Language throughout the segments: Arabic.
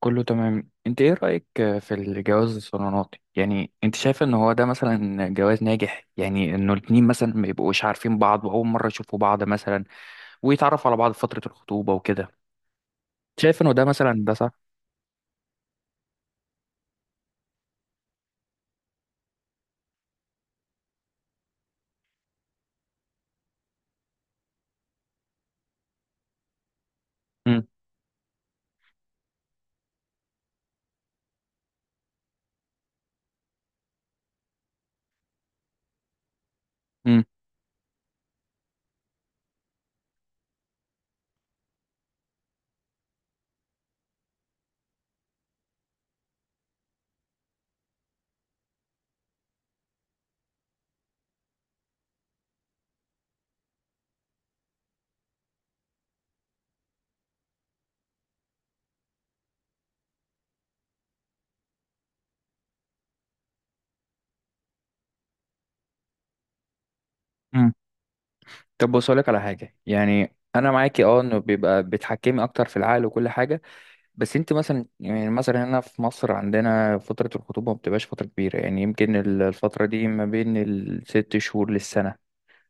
كله تمام. انت ايه رأيك في الجواز الصالوناتي؟ يعني انت شايفه ان هو ده مثلا جواز ناجح؟ يعني انه الاتنين مثلا ما يبقوش عارفين بعض واول مرة يشوفوا بعض مثلا ويتعرفوا على بعض في فترة الخطوبة وكده. شايف انه ده مثلا ده صح؟ امم، امم، امم. طب بص لك على حاجة. يعني انا معاكي اه، انه بيبقى بتحكمي اكتر في العقل وكل حاجة. بس انت مثلا، يعني مثلا هنا في مصر عندنا فترة الخطوبة ما بتبقاش فترة كبيرة. يعني يمكن الفترة دي ما بين الست شهور للسنة.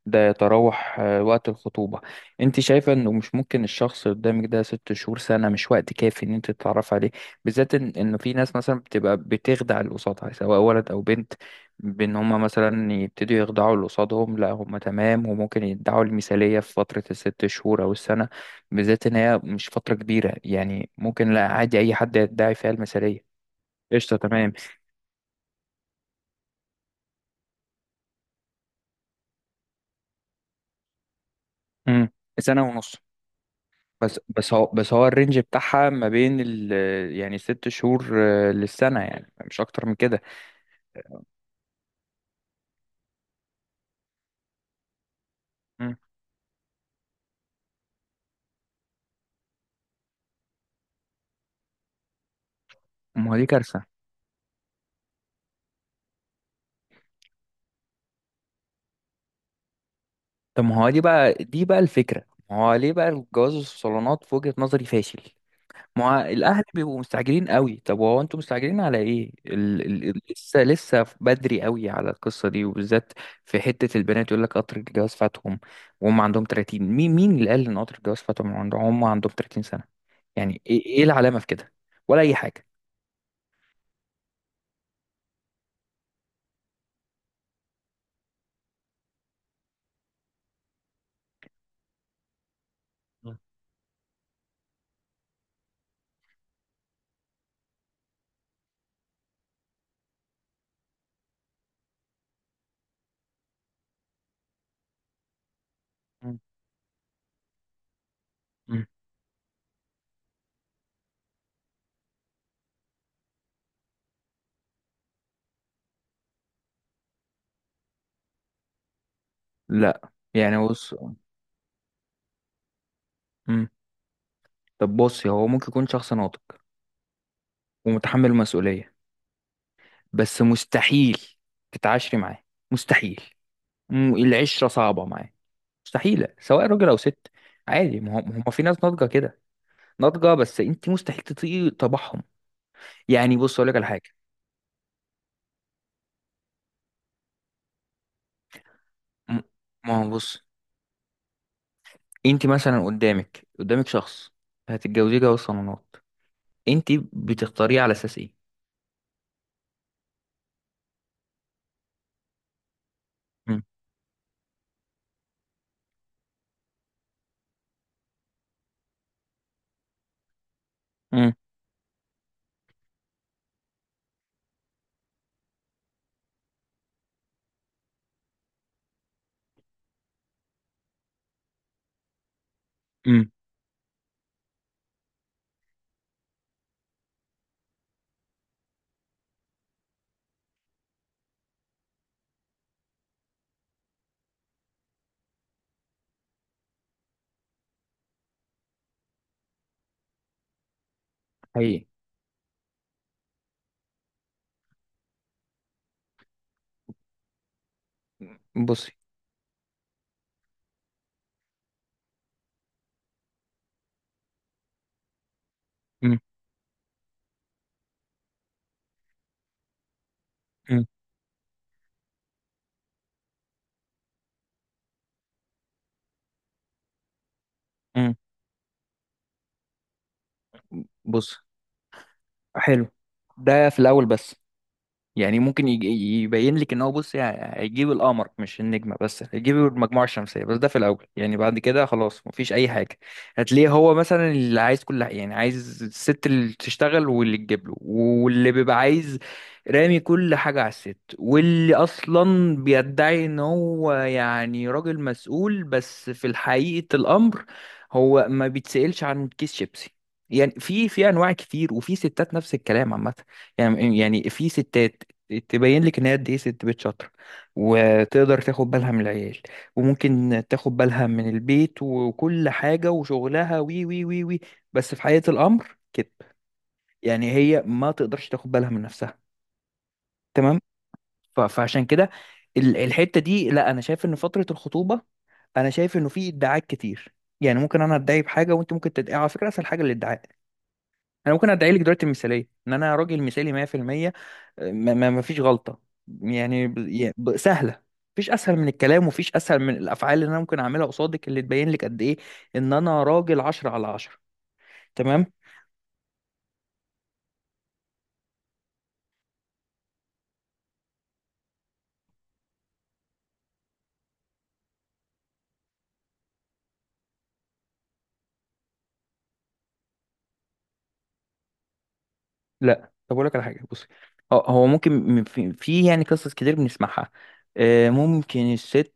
ده يتراوح وقت الخطوبة. انت شايفة انه مش ممكن الشخص اللي قدامك ده ست شهور سنة مش وقت كافي ان انت تتعرف عليه؟ بالذات ان انه في ناس مثلا بتبقى بتخدع اللي قصادها، سواء ولد او بنت، بان هما مثلا يبتدوا يخدعوا اللي قصادهم لا هما تمام، وممكن يدعوا المثالية في فترة الست شهور او السنة. بالذات ان هي مش فترة كبيرة، يعني ممكن، لا عادي، اي حد يدعي فيها المثالية. قشطة، تمام. امم. سنة ونص. بس هو الرينج بتاعها ما بين ال، يعني ست شهور للسنة، يعني مش أكتر من كده. مم. ما هو دي كارثة. طب ما هو دي بقى الفكرة. ما هو ليه بقى الجواز الصالونات في وجهة نظري فاشل. ما هو الأهل بيبقوا مستعجلين قوي. طب هو أنتوا مستعجلين على إيه ال ال لسه بدري قوي على القصة دي، وبالذات في حتة البنات يقول لك قطر الجواز فاتهم، وهم عندهم 30. مين اللي قال إن قطر الجواز فاتهم؟ عندهم، هم عندهم 30 سنة. يعني إيه العلامة في كده؟ ولا أي حاجة؟ مم. مم. لا يعني بص. مم. طب بصي، هو ممكن يكون شخص ناضج ومتحمل المسؤولية، بس مستحيل تتعاشري معاه، مستحيل. مم، العشرة صعبة معاه، مستحيلة، سواء راجل أو ست. عادي، ما هم في ناس ناضجة كده، ناضجة بس أنت مستحيل تطيقي طبعهم. يعني بص أقول لك على حاجة. م- ما هو بص، أنت مثلا قدامك شخص هتتجوزيه جواز صالونات. أنت بتختاريه على أساس إيه؟ مم. مم. مم. حقيقي. بصي. امم. بص. حلو، ده في الاول بس. يعني ممكن يبين لك ان هو، بص يعني هيجيب القمر، مش النجمه بس، هيجيب المجموعه الشمسيه. بس ده في الاول، يعني بعد كده خلاص مفيش اي حاجه. هتلاقيه هو مثلا اللي عايز كل حاجه، يعني عايز الست اللي تشتغل واللي تجيب له واللي بيبقى عايز رامي كل حاجه على الست، واللي اصلا بيدعي ان هو يعني راجل مسؤول، بس في حقيقه الامر هو ما بيتسألش عن كيس شيبسي. يعني في انواع كتير، وفي ستات نفس الكلام عامه. يعني في ستات تبين لك ان هي قد ايه ست بيت شاطره، وتقدر تاخد بالها من العيال، وممكن تاخد بالها من البيت وكل حاجه وشغلها وي وي وي وي. بس في حقيقه الامر كده، يعني هي ما تقدرش تاخد بالها من نفسها. تمام. فعشان كده الحته دي، لا انا شايف ان فتره الخطوبه، انا شايف انه في ادعاءات كتير. يعني ممكن انا ادعي بحاجه وانت ممكن تدعي، على فكره اسهل حاجه الادعاء. انا ممكن ادعي لك دلوقتي المثاليه ان انا راجل مثالي 100%، ما فيش غلطة. يعني سهلة. مفيش اسهل من الكلام، ومفيش اسهل من الافعال اللي انا ممكن اعملها قصادك، اللي تبين لك قد ايه ان انا راجل عشرة على عشرة. تمام. لا طب اقول لك على حاجه، بصي. هو ممكن، في يعني قصص كتير بنسمعها. ممكن الست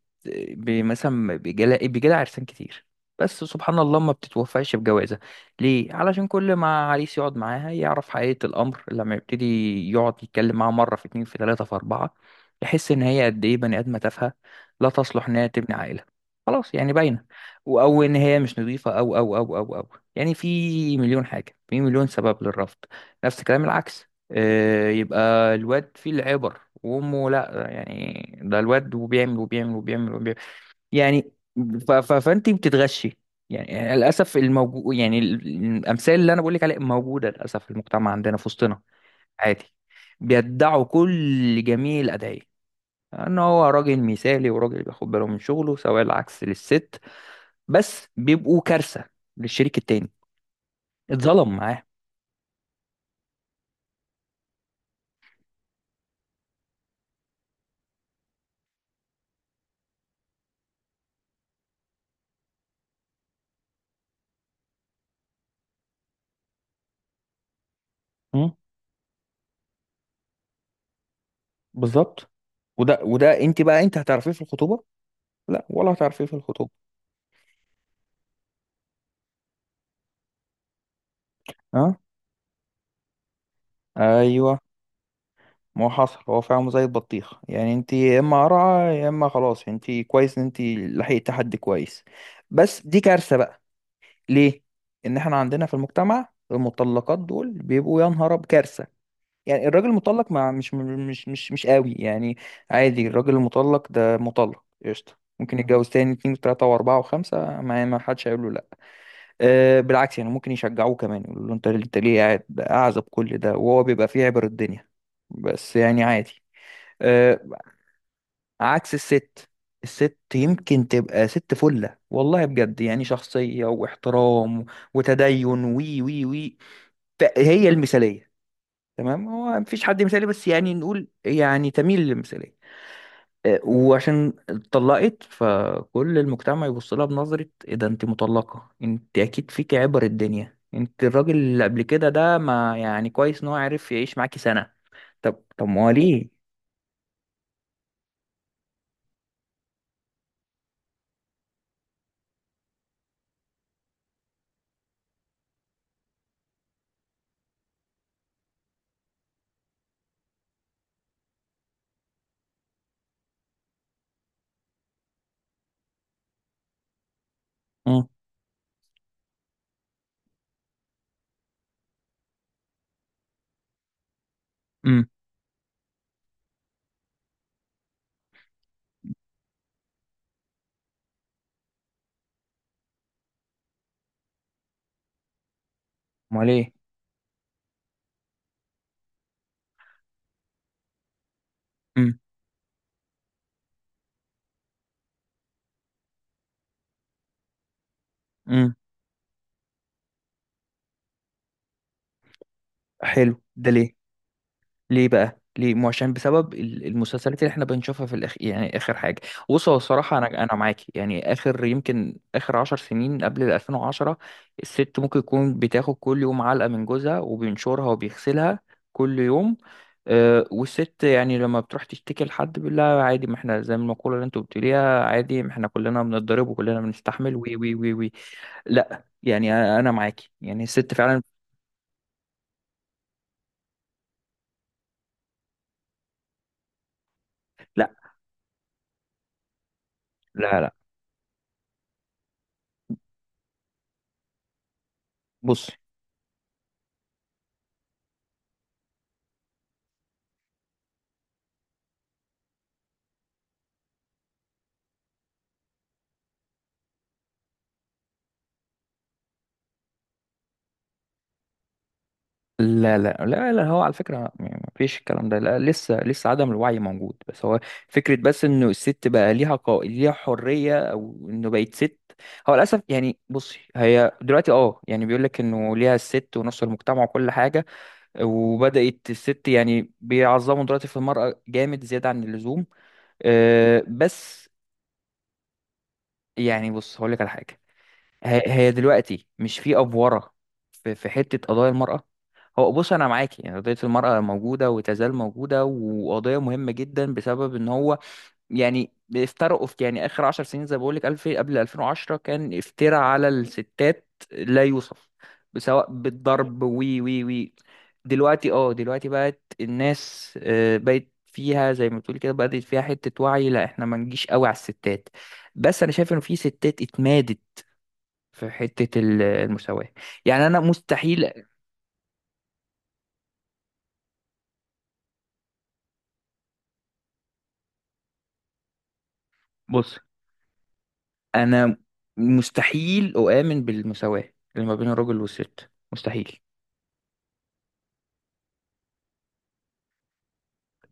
مثلا بيجالها عرسان كتير، بس سبحان الله ما بتتوفقش بجوازها. ليه؟ علشان كل ما عريس يقعد معاها يعرف حقيقه الامر. لما يبتدي يقعد يتكلم معاها مره، في اتنين، في تلاته، في اربعه، يحس ان هي قد ايه بني ادمه تافهه، لا تصلح انها تبني عائله. خلاص يعني باينه. او ان هي مش نظيفه او او او او او، يعني في مليون حاجه، في مليون سبب للرفض. نفس الكلام العكس، يبقى الواد فيه العبر وامه لا، يعني ده الواد وبيعمل وبيعمل وبيعمل وبيعمل، يعني فانت بتتغشي. يعني للاسف الموجود، يعني الامثال اللي انا بقول لك عليها موجوده للاسف في المجتمع عندنا، في وسطنا، عادي. بيدعوا كل جميع الادعيه ان هو راجل مثالي، وراجل بياخد باله من شغله، سواء العكس للست، بس بيبقوا كارثه للشريك التاني. اتظلم معاه. بالظبط. وده انت بقى انت هتعرفيه في الخطوبه؟ لا، ولا هتعرفيه في الخطوبه. ها؟ ايوه. ما هو حصل هو فعلا زي البطيخ، يعني انت يا اما قرعه، يا اما خلاص انت كويس ان انت لحقت حد كويس. بس دي كارثه بقى. ليه؟ ان احنا عندنا في المجتمع المطلقات دول بيبقوا، يا نهار كارثه. يعني الراجل المطلق ما مش قوي يعني. عادي، الراجل المطلق ده مطلق قشطه، ممكن يتجوز تاني، اتنين وتلاته واربعه وخمسه، ما حدش هيقول له لا. بالعكس، يعني ممكن يشجعوه كمان، يقولوا له انت ليه قاعد اعزب كل ده، وهو بيبقى فيه عبر الدنيا. بس يعني عادي. آه، عكس الست. الست يمكن تبقى ست فلة، والله بجد، يعني شخصية واحترام وتدين وي وي وي، فهي المثالية. تمام، هو مفيش حد مثالي، بس يعني نقول يعني تميل للمثالية. وعشان اتطلقت، فكل المجتمع يبص لها بنظرة، ايه ده انت مطلقة، انت اكيد فيك عبر الدنيا، انت الراجل اللي قبل كده ده ما يعني كويس ان هو عرف يعيش معاكي سنة. طب ما هو ليه؟ امم، امم. ما هو ليه؟ امم، امم. حلو، ده ليه؟ ليه بقى، ليه؟ مو عشان بسبب المسلسلات اللي احنا بنشوفها في الاخ، يعني اخر حاجه. بص هو الصراحه انا معاكي، يعني اخر يمكن اخر عشر سنين قبل ال 2010 الست ممكن تكون بتاخد كل يوم علقه من جوزها، وبينشرها وبيغسلها كل يوم. أه، والست يعني لما بتروح تشتكي لحد بيقول لها عادي، ما احنا زي المقوله اللي انتوا بتقوليها، عادي ما احنا كلنا بنتضرب وكلنا بنستحمل وي وي وي وي. لا، يعني انا معاكي، يعني الست فعلا. لا، لا، لا، بص، لا، لا، لا، لا، هو على فكرة يعني ما فيش الكلام ده لا، لسه عدم الوعي موجود، بس هو فكرة، بس انه الست بقى ليها ليها حرية، او انه بقت ست. هو للاسف، يعني بصي، هي دلوقتي اه، يعني بيقول لك انه ليها الست ونص المجتمع وكل حاجة، وبدأت الست يعني بيعظموا دلوقتي في المرأة جامد زيادة عن اللزوم. أه، بس يعني بص هقول لك على حاجة. هي دلوقتي مش في افوره، في حته قضايا المراه. هو بص انا معاكي، يعني قضيه المراه موجوده وتزال موجوده، وقضيه مهمه جدا بسبب ان هو يعني افترقوا في، يعني اخر عشر سنين زي ما بقول لك، الف قبل 2010 كان افتراء على الستات لا يوصف، سواء بالضرب وي وي وي. دلوقتي اه دلوقتي بقت الناس، بقت فيها زي ما بتقول كده بدأت فيها حتة وعي، لا احنا ما نجيش قوي على الستات. بس انا شايف انه في ستات اتمادت في حتة المساواة. يعني أنا مستحيل. بص، أنا مستحيل أؤمن بالمساواة اللي ما بين الراجل والست، مستحيل.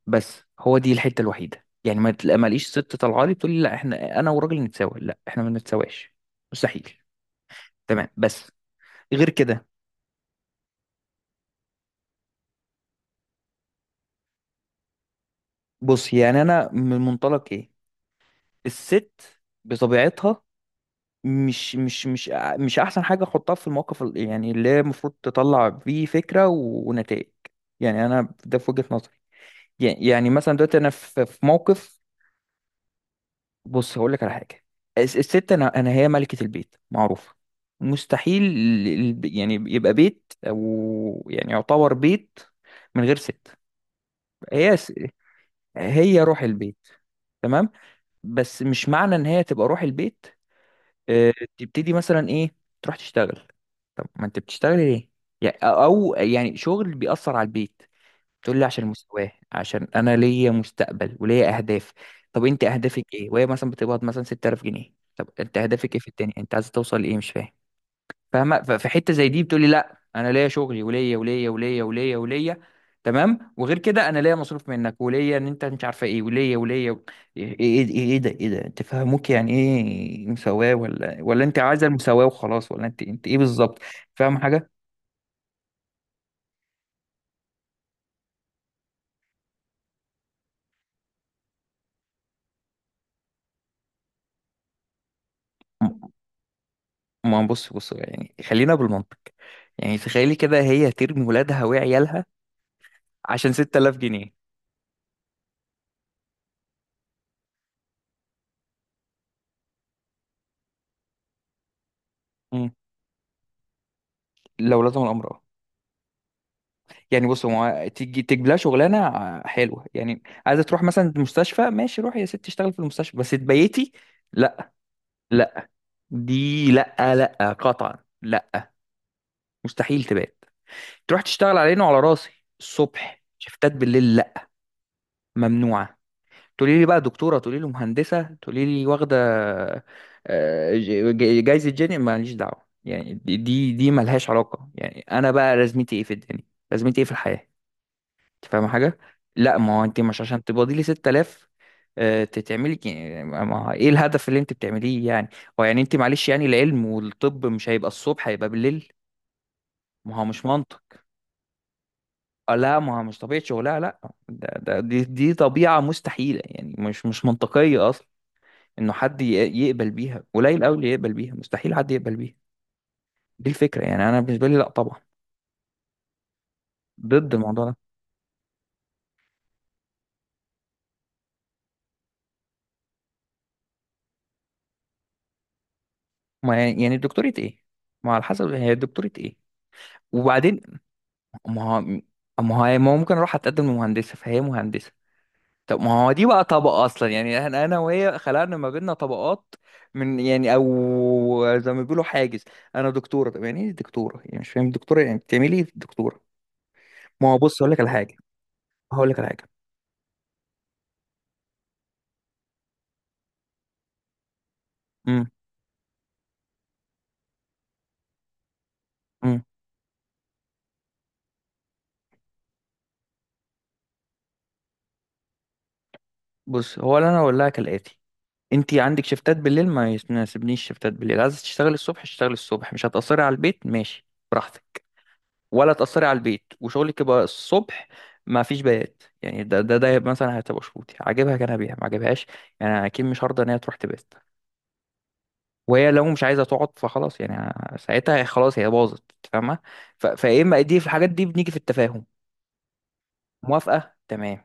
بس هو دي الحتة الوحيدة، يعني ما تلاقي ماليش ست طالعة لي تقول لي، لا احنا أنا والراجل نتساوى. لا احنا ما نتساواش، مستحيل. تمام بس، غير كده. بص يعني أنا من منطلق إيه، الست بطبيعتها مش احسن حاجه احطها في الموقف يعني اللي هي المفروض تطلع فيه فكره ونتائج. يعني انا ده في وجهه نظري. يعني مثلا دلوقتي انا في موقف. بص هقول لك على حاجه. الست، انا هي ملكه البيت معروفه. مستحيل يعني يبقى بيت، او يعني يعتبر بيت من غير ست. هي س- هي روح البيت. تمام، بس مش معنى ان هي تبقى روح البيت آه، تبتدي مثلا ايه، تروح تشتغل؟ طب ما انت بتشتغل ليه؟ يعني، او يعني شغل بيأثر على البيت؟ تقول لي عشان مستواه، عشان انا ليا مستقبل وليا اهداف. طب انت اهدافك ايه وهي مثلا بتقبض مثلا 6000 جنيه؟ طب انت اهدافك ايه في الدنيا، انت عايز توصل لايه؟ مش فاهم. فاهمه؟ ففي حته زي دي بتقولي، لا انا ليا شغلي وليا وليا وليا وليا وليا. تمام، وغير كده انا ليا مصروف منك، وليا ان انت مش عارفه ايه، وليا وليا ايه ايه ايه إيه إيه ده، ايه ده انت فاهموك، يعني ايه مساواه، ولا انت عايزه المساواه وخلاص، ولا انت ايه بالظبط؟ فاهم حاجه؟ م- ما بص بص، يعني خلينا بالمنطق. يعني تخيلي كده، هي ترمي ولادها وعيالها عشان 6000 جنيه؟ مم. لو لزم الامر. يعني بص، هو تيجي تجيب لها شغلانه حلوه، يعني عايزه تروح مثلا المستشفى، ماشي روحي يا ست اشتغلي في المستشفى، بس تبيتي؟ لا، لا، دي لا، لا، قطعا لا. مستحيل تبات. تروح تشتغل على عيني وعلى راسي الصبح، شفتات بالليل لا، ممنوعه. تقولي لي بقى دكتوره، تقولي لي مهندسه، تقولي لي واخده جايزه جيني، ماليش دعوه، يعني دي ملهاش علاقه، يعني انا بقى لازمتي ايه في الدنيا، لازمتي ايه في الحياه؟ انت فاهمه حاجه؟ لا، ما هو انت مش عشان تبقى لي 6000 آه، تتعملي ك- ما ما- ايه الهدف اللي انت بتعمليه يعني؟ هو يعني انت معلش، يعني العلم والطب مش هيبقى الصبح، هيبقى بالليل، ما هو مش منطق. لا، ما هو مش طبيعة شغلها لا، ده ده دي دي طبيعة مستحيلة، يعني مش منطقية اصلا. انه حد يقبل بيها قليل قوي، اللي يقبل بيها، مستحيل حد يقبل بيها. دي الفكرة، يعني انا بالنسبة لي لا طبعا، ضد الموضوع ده. ما يعني دكتورة ايه؟ ما على حسب هي دكتورة ايه، وبعدين؟ ما هو ما ما هو ممكن اروح اتقدم لمهندسه، فهي مهندسه. طب ما هو دي بقى طبقه اصلا، يعني احنا انا وهي خلقنا ما بيننا طبقات من، يعني او زي ما بيقولوا حاجز. انا دكتوره، طب يعني ايه دكتوره، يعني مش فاهم دكتوره، يعني بتعملي ايه دكتوره؟ ما هو بص اقول لك على حاجه، هقول لك على حاجه. امم، امم. بص هو اللي انا اقول لها كالاتي: انت عندك شفتات بالليل، ما يناسبنيش شفتات بالليل، عايزه تشتغلي الصبح اشتغلي الصبح، مش هتاثري على البيت، ماشي، براحتك. ولا تأثري على البيت وشغلك يبقى الصبح، ما فيش بيات. يعني ده مثلا هتبقى شروطي، عاجبها كان بيها ما عاجبهاش. يعني أنا اكيد مش هرضى ان هي تروح تبات، وهي لو مش عايزه تقعد فخلاص، يعني ساعتها هي خلاص، هي باظت. فاهمه؟ فايه اما دي، في الحاجات دي بنيجي في التفاهم. موافقه تمام؟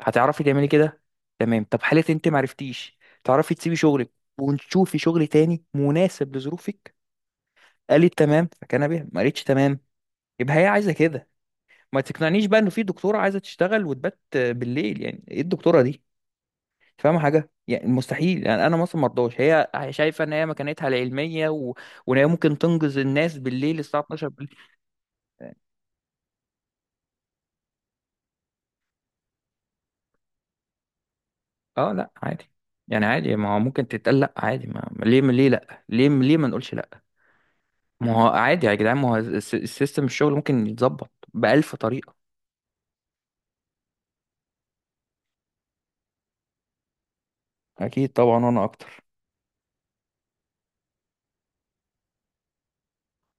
هتعرفي تعملي كده؟ تمام. طب حالة انت معرفتيش تعرفي تسيبي شغلك، ونشوفي شغل تاني مناسب لظروفك، قالت تمام، فكان بيها، ما قالتش تمام، يبقى هي عايزه كده. ما تقنعنيش بقى انه في دكتوره عايزه تشتغل وتبات بالليل، يعني ايه الدكتوره دي؟ انت فاهمه حاجه؟ يعني مستحيل، يعني انا مثلا مرضاش هي شايفه ان هي مكانتها العلميه وان هي ممكن تنقذ الناس بالليل الساعه 12 بالليل. اه لا عادي. يعني عادي، ما هو ممكن تتقال لا عادي، ليه لا، ليه ما نقولش لا؟ ما هو عادي يا جدعان، ما هو السيستم الشغل ممكن يتظبط بألف طريقه. اكيد طبعا، وانا اكتر.